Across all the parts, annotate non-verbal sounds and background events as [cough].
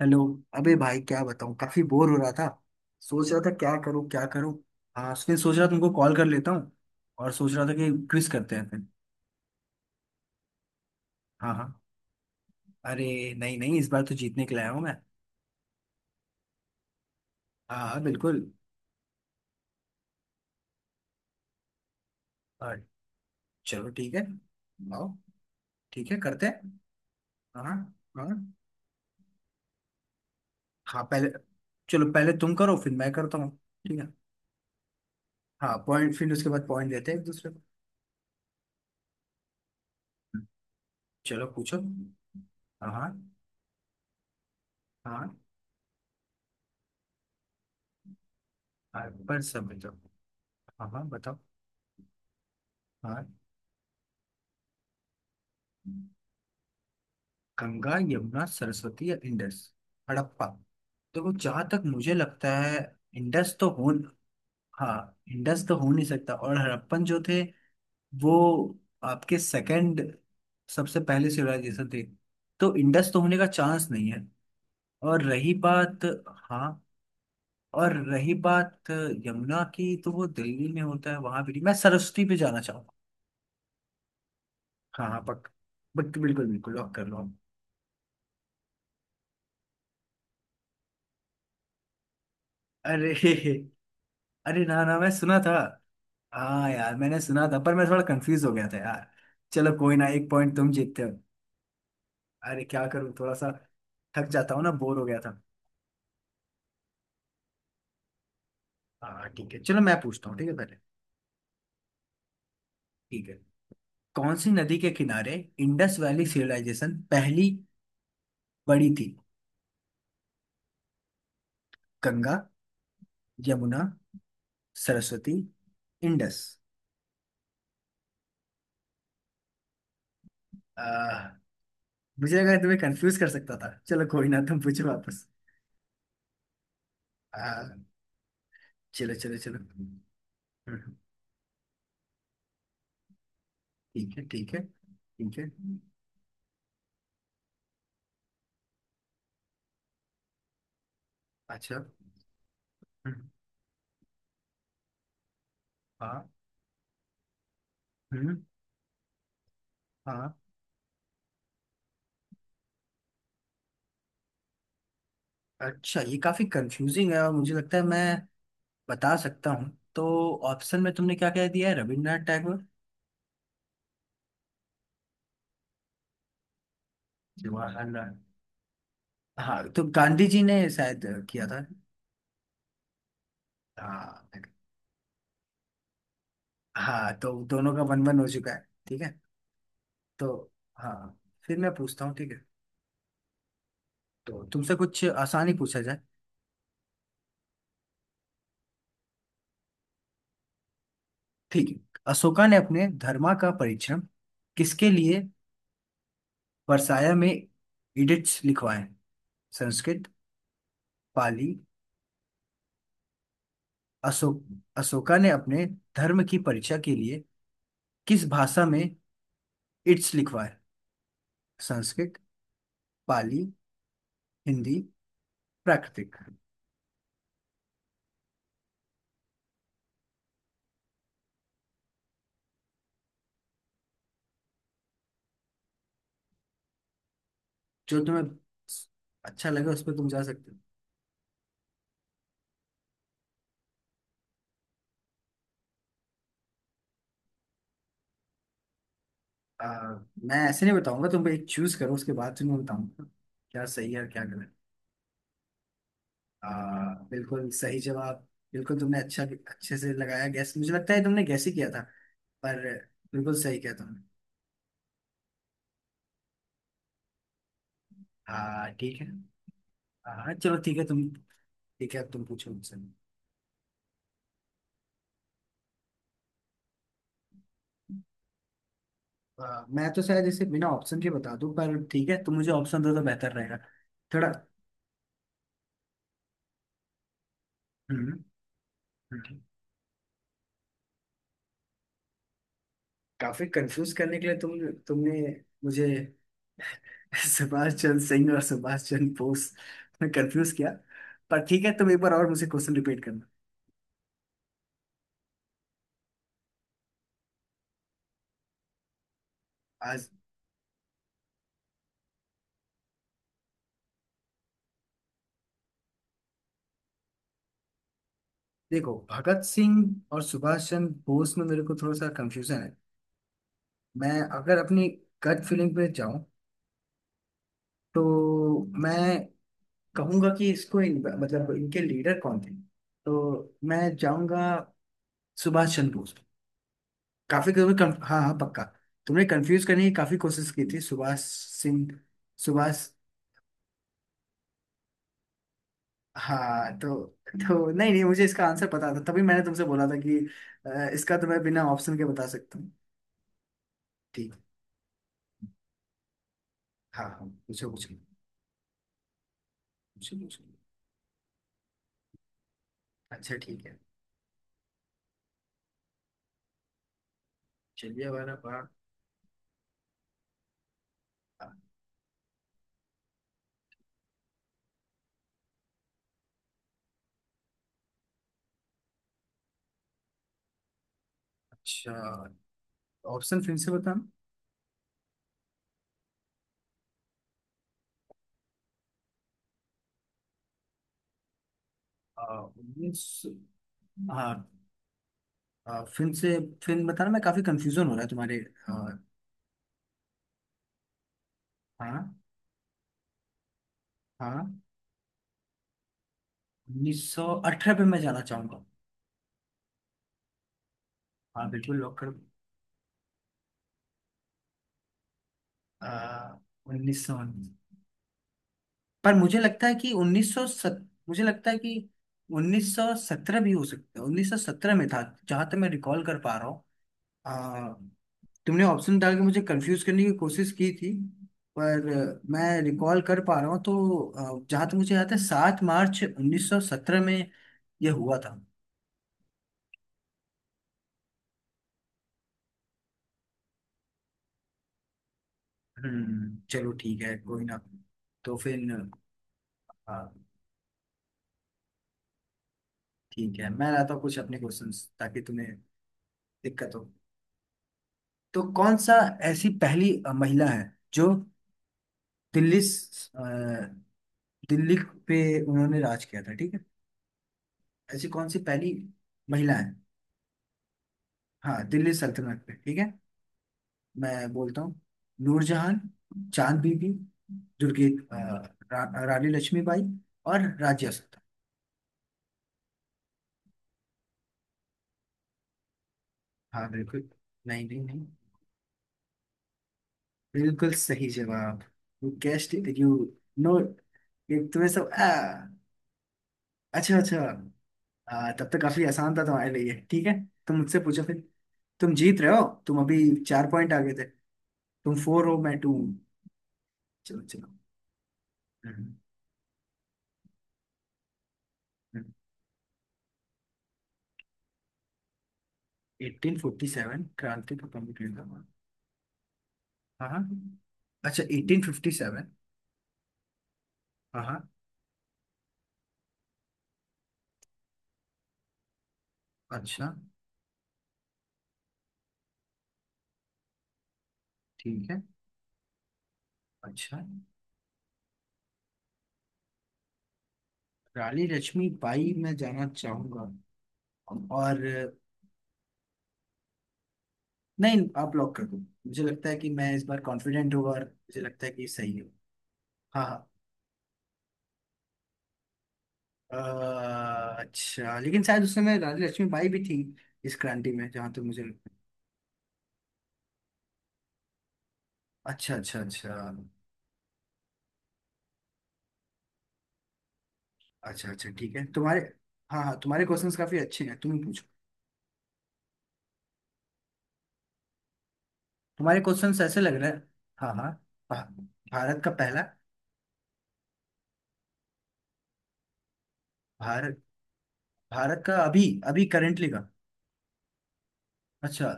Hello. अबे भाई, क्या बताऊं, काफी बोर हो रहा था। सोच रहा था क्या करूं क्या करूं। हाँ, फिर सोच रहा तुमको कॉल कर लेता हूँ। और सोच रहा था कि क्विज करते हैं फिर। हाँ, हाँ। अरे, नहीं नहीं, इस बार तो जीतने के लिए आया हूँ मैं। हाँ, हाँ, बिल्कुल। और चलो ठीक है। आओ, ठीक है करते हैं। हाँ, हाँ, हाँ। हाँ, पहले। चलो, पहले तुम करो फिर मैं करता हूँ। ठीक है। हाँ, पॉइंट, फिर उसके बाद पॉइंट देते हैं एक दूसरे को। चलो, पूछो। हाँ, हाँ। हाँ, पर सब बताओ। हाँ, हाँ, बताओ। हाँ, गंगा, यमुना, सरस्वती या इंडस? हड़प्पा। देखो, जहां तक मुझे लगता है, इंडस तो हो। हाँ। इंडस तो हो नहीं सकता, और हड़प्पन जो थे, वो आपके सेकंड, सबसे पहले सिविलाइजेशन थे, तो इंडस तो होने का चांस नहीं है। और रही बात, हाँ। और रही बात यमुना की, तो वो दिल्ली में होता है, वहां भी नहीं। मैं सरस्वती पे जाना चाहूंगा। हाँ, हाँ, पक बट बिल्कुल बिल्कुल लॉक कर लो आप। अरे। [laughs] अरे, ना ना, मैं सुना था। हाँ यार, मैंने सुना था पर मैं थोड़ा कंफ्यूज हो गया था यार। चलो कोई ना, एक पॉइंट तुम जीतते हो। अरे क्या करूँ, थोड़ा सा थक जाता हूँ ना, बोर हो गया था। हाँ ठीक है, चलो मैं पूछता हूँ। ठीक है, पहले। ठीक है। कौन सी नदी के किनारे इंडस वैली सिविलाइजेशन पहली बड़ी थी? गंगा, यमुना, सरस्वती, इंडस। आ, मुझे लगा तुम्हें कंफ्यूज कर सकता था, चलो कोई ना, तुम पूछो वापस। आ, चलो चलो चलो। हम्म, ठीक है, ठीक है, ठीक है। अच्छा। हम्म, हाँ। हम्म, हाँ। अच्छा, ये काफी कंफ्यूजिंग है और मुझे लगता है मैं बता सकता हूँ। तो ऑप्शन में तुमने क्या क्या दिया है? रविन्द्रनाथ टैगोर, जवाहरलाल नेहरू। हाँ तो गांधी जी ने शायद किया था। हाँ। हाँ तो दोनों का 1-1 हो चुका है, ठीक है। तो हाँ, फिर मैं पूछता हूँ। ठीक है। तो तुमसे कुछ आसान ही पूछा जाए। ठीक है। अशोका ने अपने धर्मा का परिश्रम किसके लिए वर्साया में एडिक्ट्स लिखवाए? संस्कृत, पाली। अशोक अशोका ने अपने धर्म की परीक्षा के लिए किस भाषा में इट्स लिखवाया? संस्कृत, पाली, हिंदी, प्राकृतिक। जो तुम्हें अच्छा लगे उस पर तुम जा सकते हो। आ, मैं ऐसे नहीं बताऊंगा, तुम एक चूज करो उसके बाद तुम्हें बताऊंगा क्या सही है और क्या गलत। आ, बिल्कुल सही जवाब। बिल्कुल तुमने अच्छा, अच्छे से लगाया गैस, मुझे लगता है तुमने गैस ही किया था। पर बिल्कुल सही किया तुमने। हाँ ठीक है। हाँ चलो ठीक है तुम। ठीक है, अब तुम पूछो मुझसे। मैं तो शायद इसे बिना ऑप्शन के बता दूं, पर ठीक है तुम मुझे ऑप्शन दो तो बेहतर रहेगा। थोड़ा। हम्म। हम्म। काफी कंफ्यूज करने के लिए तुमने मुझे [laughs] सुभाष चंद्र सिंह और सुभाष चंद्र बोस में कंफ्यूज किया। पर ठीक है, तुम एक बार और मुझे क्वेश्चन रिपीट करना। आज देखो, भगत सिंह और सुभाष चंद्र बोस में मेरे को थोड़ा सा कंफ्यूजन है। मैं, अगर अपनी गट फीलिंग पे जाऊं, तो मैं कहूंगा कि इसको मतलब इनके लीडर कौन थे, तो मैं जाऊंगा सुभाष चंद्र बोस। काफी तुम्हें हाँ हाँ पक्का। तुमने कंफ्यूज करने की काफी कोशिश की थी, सुभाष सिंह, सुभाष। हाँ तो नहीं नहीं, मुझे इसका आंसर पता था, तभी मैंने तुमसे बोला था कि इसका तो मैं बिना ऑप्शन के बता सकता हूँ। ठीक है। हाँ, हाँ, पूछो, पूछो, पूछो, पूछो। अच्छा ठीक है, चलिए हमारा बात। अच्छा, ऑप्शन फिर से बताना। उन्नीस। फिल्म से फिल्म बताना, मैं काफी कंफ्यूजन हो रहा है तुम्हारे। अ, हाँ, हाँ, 1918 पे मैं जाना चाहूंगा। हाँ बिल्कुल, लॉक कर। 1919। पर मुझे लगता है कि उन्नीस सौ सत मुझे लगता है कि 1917 भी हो सकता है, 1917 में था, जहां तक मैं रिकॉल कर पा रहा हूँ। अ, तुमने ऑप्शन डाल के मुझे कंफ्यूज करने की कोशिश की थी। पर मैं रिकॉल कर पा रहा हूँ, तो जहां तक मुझे याद है, 7 मार्च 1917 में यह हुआ था। चलो ठीक है, कोई ना। तो फिर हाँ ठीक है, मैं लाता हूँ कुछ अपने क्वेश्चंस ताकि तुम्हें दिक्कत हो। तो कौन सा ऐसी पहली महिला है जो दिल्ली स- अ, दिल्ली पे उन्होंने राज किया था, ठीक है। ऐसी कौन सी पहली महिला है? हाँ दिल्ली सल्तनत पे, ठीक है। मैं बोलता हूँ नूरजहां, चांद बीबी, दुर्गे, अ, रानी लक्ष्मीबाई और राज्य सत्ता। हाँ बिल्कुल। नहीं नहीं नहीं, बिल्कुल सही जवाब। यू कैस्ट इट, नो ये तुम्हें सब आ अच्छा, अच्छा। तब तो काफी आसान था तुम्हारे लिए, ठीक है। तुम मुझसे पूछो फिर। तुम जीत रहे हो, तुम अभी 4 पॉइंट आगे थे। तुम फोर हो, मैं टू हूँ। चलो, चलो। 1847 क्रांति को कंप्लीट करना। हाँ, हाँ, अच्छा, 1857। हाँ, हाँ। अच्छा, ठीक है। अच्छा। रानी लक्ष्मी बाई मैं जाना चाहूंगा, और नहीं आप लॉक कर दो, मुझे लगता है कि मैं इस बार कॉन्फिडेंट हूँ और मुझे लगता है कि सही हूँ। हाँ, हाँ। अच्छा, लेकिन शायद उस समय रानी लक्ष्मीबाई भी थी इस क्रांति में, जहाँ तक मुझे लगता है। अच्छा, अच्छा, अच्छा, अच्छा, अच्छा, ठीक है तुम्हारे। हाँ, हाँ, तुम्हारे क्वेश्चंस काफी अच्छे हैं, तुम पूछो। तुम्हारे क्वेश्चंस ऐसे लग रहे हैं। हाँ, हाँ। भा, भारत का पहला। भारत भारत का, अभी अभी करेंटली का। अच्छा,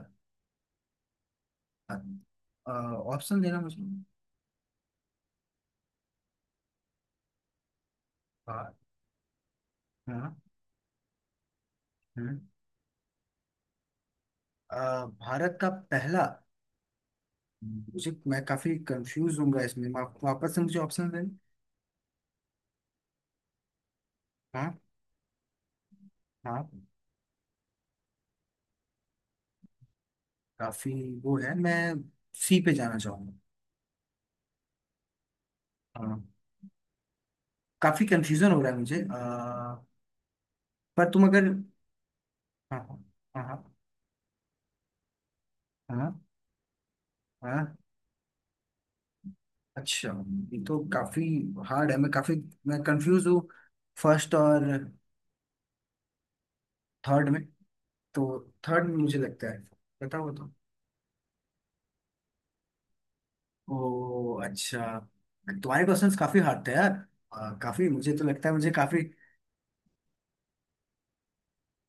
ऑप्शन देना मुझे। हाँ, हाँ, हाँ। भारत का पहला। मुझे मैं काफी कंफ्यूज हूँगा इसमें, आप वापस से मुझे ऑप्शन दें। हाँ, हाँ, काफी वो है, मैं सी पे जाना चाहूंगा। हाँ, काफी कंफ्यूजन हो रहा है मुझे, पर तुम अगर हाँ, हाँ, हाँ, हाँ, हाँ, हाँ, अच्छा। ये तो काफी हार्ड है, मैं कंफ्यूज हूँ। फर्स्ट और थर्ड में, तो थर्ड में मुझे लगता है, बताओ तो। ओ अच्छा, तुम्हारे क्वेश्चंस काफी हार्ड थे यार। काफी, मुझे तो लगता है, मुझे काफी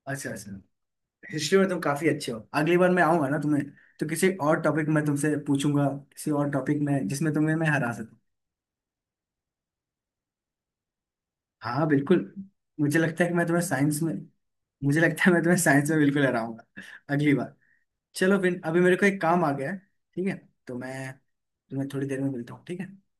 अच्छा, अच्छा। हिस्ट्री में तुम काफी अच्छे हो, अगली बार मैं आऊंगा ना तुम्हें, तो किसी और टॉपिक में तुमसे पूछूंगा। किसी और टॉपिक में जिसमें तुम्हें मैं हरा सकूं। हाँ बिल्कुल। मुझे लगता है कि मैं तुम्हें साइंस में मुझे लगता है मैं तुम्हें साइंस में बिल्कुल हराऊंगा, अगली बार। चलो फिर, अभी मेरे को एक काम आ गया है, ठीक है। तो मैं तुम्हें थोड़ी देर में मिलता हूँ, ठीक है।